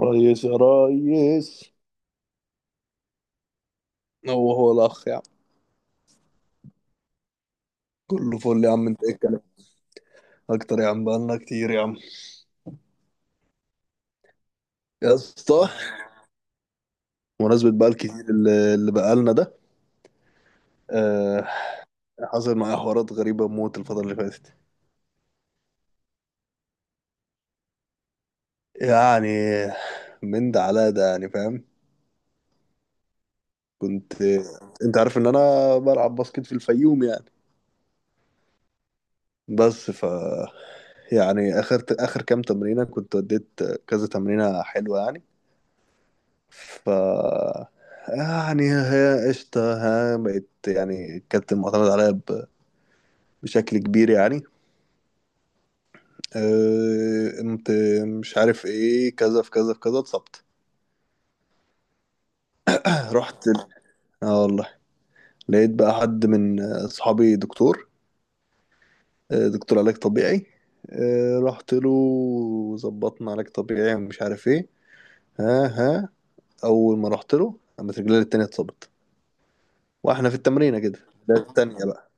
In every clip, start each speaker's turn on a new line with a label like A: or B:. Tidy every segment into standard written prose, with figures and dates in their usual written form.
A: ريس يا ريس، هو هو الاخ يا عم. كله فل يا عم، انت ايه الكلام؟ اكتر يا عم، بقالنا كتير يا عم. يا اسطى، مناسبة بقى الكتير اللي بقالنا ده. آه. حصل معايا حوارات غريبة موت الفترة اللي فاتت. يعني من ده على ده يعني فاهم. كنت انت عارف ان انا بلعب باسكت في الفيوم يعني. بس ف يعني اخر كام تمرينة كنت اديت، كذا تمرينة حلوة يعني. ف يعني هي قشطة. بقيت يعني كانت معتمد عليا بشكل كبير يعني. قمت مش عارف ايه، كذا في كذا في كذا اتصبت. رحت ال- اه والله، لقيت بقى حد من اصحابي دكتور، دكتور علاج طبيعي. رحت له وظبطنا علاج طبيعي ومش عارف ايه. ها ها. اول ما رحت له قامت رجلي التانية اتصبت، واحنا في التمرينة كده. ده التانية بقى.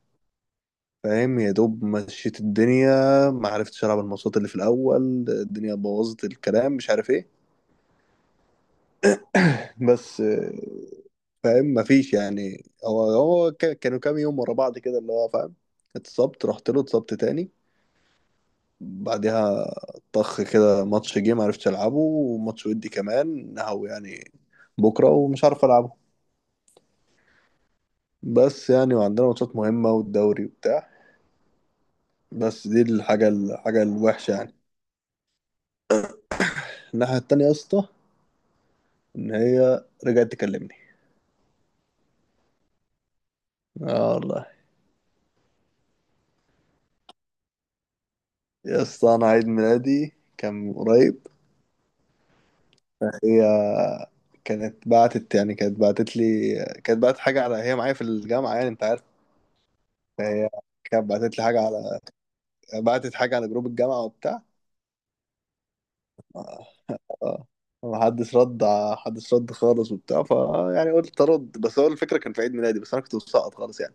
A: فاهم، يا دوب مشيت الدنيا. ما عرفتش العب الماتشات اللي في الاول. الدنيا بوظت الكلام مش عارف ايه. بس فاهم، ما فيش يعني، كانوا كام يوم ورا بعض كده اللي هو فاهم. اتصبت رحت له اتصبت تاني. بعدها طخ كده، ماتش جه ما عرفتش العبه، وماتش ودي كمان نهو يعني بكره ومش عارف العبه. بس يعني وعندنا ماتشات مهمه والدوري وبتاع. بس دي الحاجه الوحشه يعني. الناحيه التانيه يا اسطى، ان هي رجعت تكلمني. اه والله. يا اسطى، انا عيد ميلادي كان من قريب. هي كانت بعتت لي، كانت بعتت حاجة على، هي معايا في الجامعة يعني انت عارف. فهي كانت بعتت لي حاجة على، بعتت حاجة على جروب الجامعة وبتاع. اه. اه. محدش رد. محدش رد خالص وبتاع. يعني قلت ارد، بس هو الفكرة كان في عيد ميلادي، بس انا كنت مسقط خالص يعني.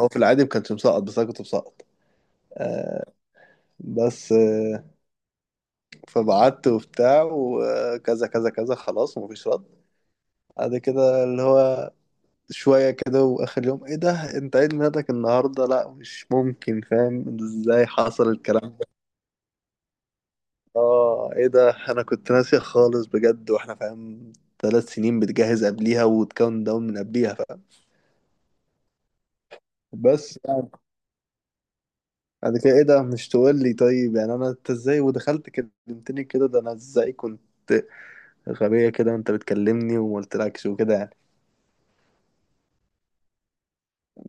A: هو في العادي ما كانش مسقط، بس انا كنت مسقط. آه بس، فبعت وبتاع وكذا كذا كذا خلاص ومفيش رد. بعد كده اللي هو شوية كده وآخر يوم، إيه ده أنت عيد ميلادك النهاردة؟ لأ مش ممكن، فاهم إزاي حصل الكلام ده. إيه ده أنا كنت ناسي خالص بجد، وإحنا فاهم ثلاث سنين بتجهز قبليها وتكون داون من قبليها فاهم. بس يعني بعد كده، إيه ده مش تقول لي؟ طيب يعني أنا أنت إزاي ودخلت كلمتني كده؟ ده أنا إزاي كنت غبية كده وأنت بتكلمني وما قلتلكش وكده يعني.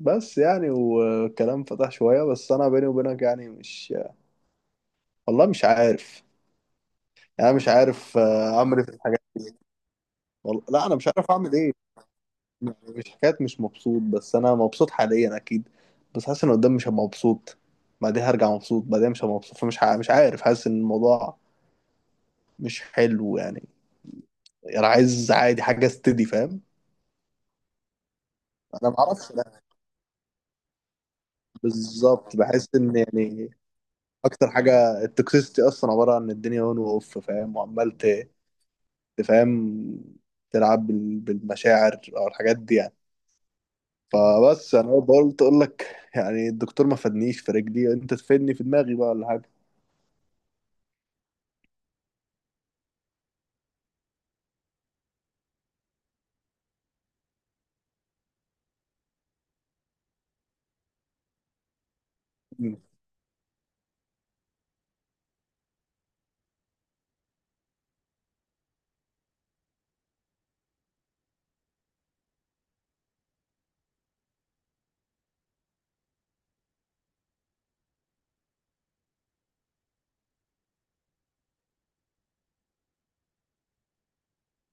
A: بس يعني والكلام فتح شوية، بس أنا بيني وبينك يعني مش، والله مش عارف. يعني أنا مش عارف أعمل إيه في الحاجات. والله لا أنا مش عارف أعمل إيه. يعني مش حكاية مش مبسوط، بس أنا مبسوط حاليا أكيد، بس حاسس إن قدام مش هبقى مبسوط، بعدين هرجع مبسوط، بعدين مش هبقى مبسوط. مش عارف، حاسس إن الموضوع مش حلو يعني. أنا عايز عادي حاجة استدي فاهم. أنا معرفش، لا، بالظبط بحس إن يعني أكتر حاجة التوكسيستي أصلا عبارة عن الدنيا أون وأوف فاهم، وعمال تفهم، تلعب بالمشاعر أو الحاجات دي يعني. فبس انا قلت اقول لك يعني، الدكتور ما فادنيش في رجلي، انت تفيدني في دماغي بقى ولا حاجه. مم.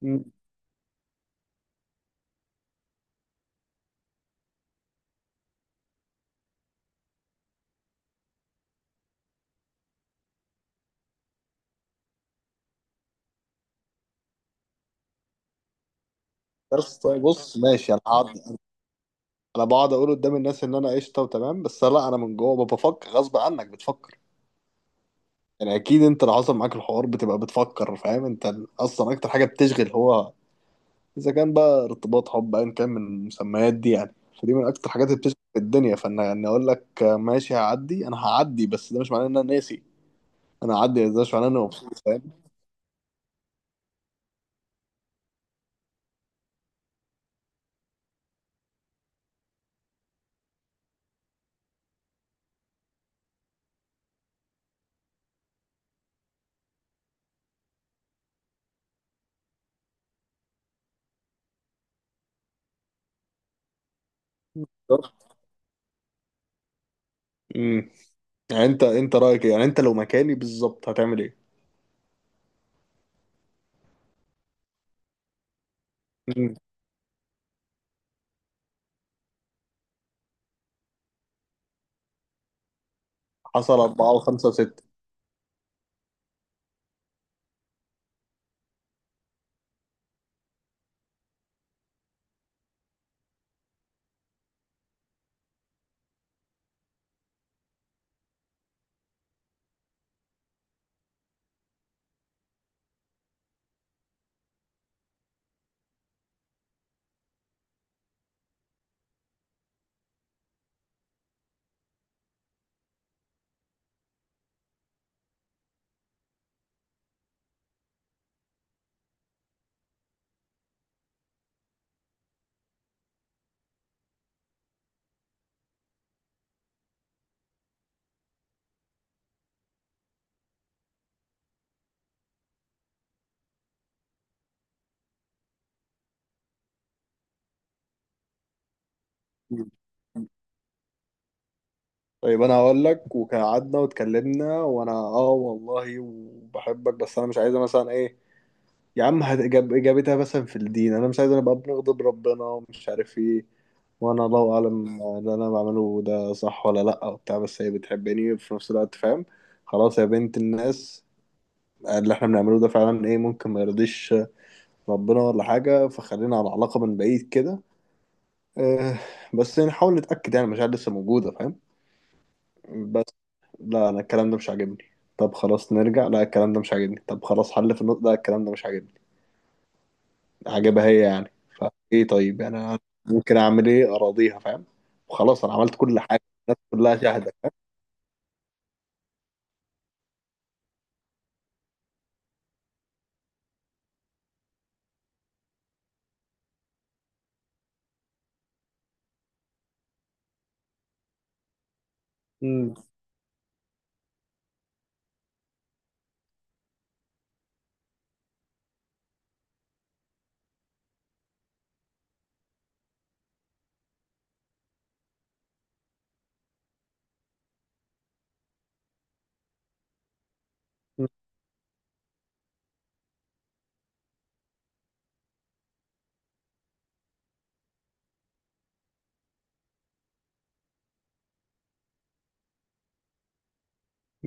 A: مم. بس طيب بص، ماشي انا هقعد، انا بقعد اقول قدام الناس ان انا قشطه وتمام، بس لا، انا من جوه بفكر، غصب عنك بتفكر. يعني اكيد انت لو حصل معاك الحوار بتبقى بتفكر فاهم. انت اصلا اكتر حاجه بتشغل، هو اذا كان بقى ارتباط حب ايا كان من المسميات دي يعني، فدي من اكتر الحاجات اللي بتشغل في الدنيا. فانا يعني اقول لك ماشي هعدي، انا هعدي بس ده مش معناه ان انا ناسي، انا هعدي بس ده مش معناه ان انا مبسوط. فاهم؟ يعني انت رايك ايه؟ يعني انت لو مكاني بالظبط هتعمل ايه؟ مم. حصل اربعة وخمسة وستة. مم. طيب انا هقول لك وقعدنا واتكلمنا، وانا اه والله وبحبك، بس انا مش عايزه مثلا ايه، يا عم اجابتها مثلا في الدين، انا مش عايزه نبقى بنغضب ربنا ومش عارف ايه، وانا الله اعلم اللي انا بعمله ده صح ولا لا وبتاع، بس هي بتحبني وفي نفس الوقت فاهم. خلاص يا بنت الناس، اللي احنا بنعمله ده فعلا ايه، ممكن ما يرضيش ربنا ولا حاجة، فخلينا على علاقة من بعيد كده. آه، بس نحاول نتأكد يعني المشاعر لسه موجودة فاهم. بس لا أنا الكلام ده مش عاجبني. طب خلاص نرجع، لا الكلام ده مش عاجبني. طب خلاص حل في النقطة، لا الكلام ده مش عاجبني. عاجبها هي يعني. فإيه طيب، يعني أنا ممكن أعمل إيه؟ أراضيها فاهم، وخلاص أنا عملت كل حاجة، الناس كلها شاهدة فاهم. مم.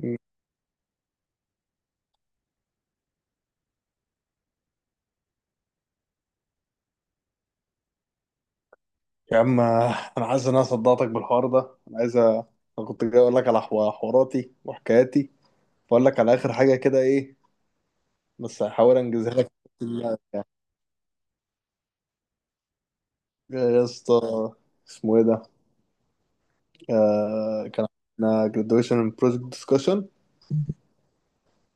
A: مم. يا عم أنا عايز إن أنا صدقتك بالحوار ده، أنا عايز أنا كنت جاي أقول لك على حواراتي وحكاياتي، وأقول لك على آخر حاجة كده إيه، بس هحاول انجزها لك. يا يا اسطى، اسمه ايه ده؟ كان عندنا graduation project discussion،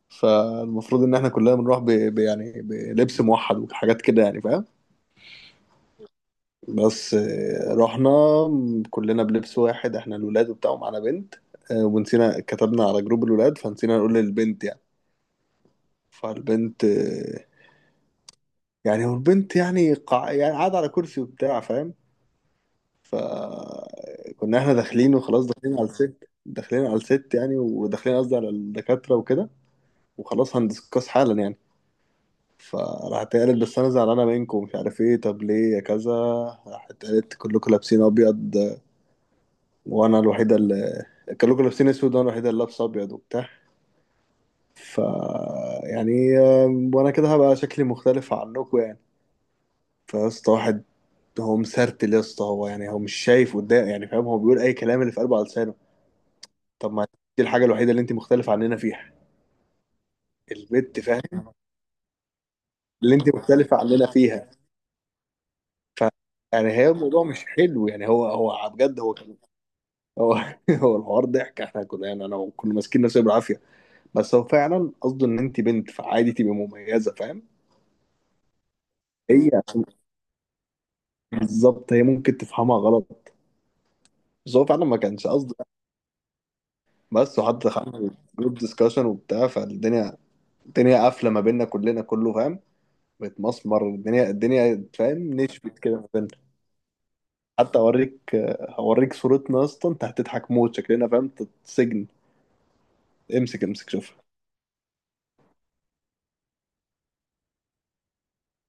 A: فالمفروض ان احنا كلنا بنروح يعني بلبس موحد وحاجات كده يعني فاهم. بس رحنا كلنا بلبس واحد، احنا الولاد وبتاع، ومعانا بنت. ونسينا، كتبنا على جروب الولاد فنسينا نقول للبنت يعني. فالبنت يعني، والبنت يعني يعني قاعدة على كرسي وبتاع فاهم. ف كنا احنا داخلين وخلاص، داخلين على الست يعني، وداخلين قصدي على الدكاترة وكده، وخلاص هندسكاس حالا يعني. فراحت قالت بس انا زعلانة منكم ومش عارف ايه. طب ليه يا كذا؟ راحت قالت كلكم لابسين ابيض، وانا الوحيدة اللي كلكم لابسين اسود وانا الوحيدة اللي لابسة ابيض وبتاع. ف يعني وانا كده هبقى شكلي مختلف عنكم يعني. فيا اسطى، واحد هو مسرتل يا اسطى، هو يعني هو مش شايف قدام يعني فاهم، هو بيقول اي كلام اللي في قلبه على لسانه. طب ما دي الحاجة الوحيدة اللي انت مختلف عننا فيها، البت فاهم، اللي انت مختلفة عننا فيها. ف يعني هي الموضوع مش حلو يعني، هو بجد هو كان، هو هو الحوار ضحك، احنا كنا يعني انا كنا ماسكين نفسنا بالعافية، بس هو فعلا قصده ان انت بنت فعادي تبقي مميزة فاهم. هي عشان- بالظبط هي ممكن تفهمها غلط، بس هو فعلا ما كانش قصده. بس، وحتى دخلنا جروب ديسكشن وبتاع، فالدنيا الدنيا قافلة ما بيننا كلنا، كله فاهم، متمسمر، الدنيا الدنيا فاهم نشفت كده. حتى اوريك، هوريك صورتنا يا اسطى، انت هتضحك موت شكلنا فاهم. سجن. امسك امسك شوف.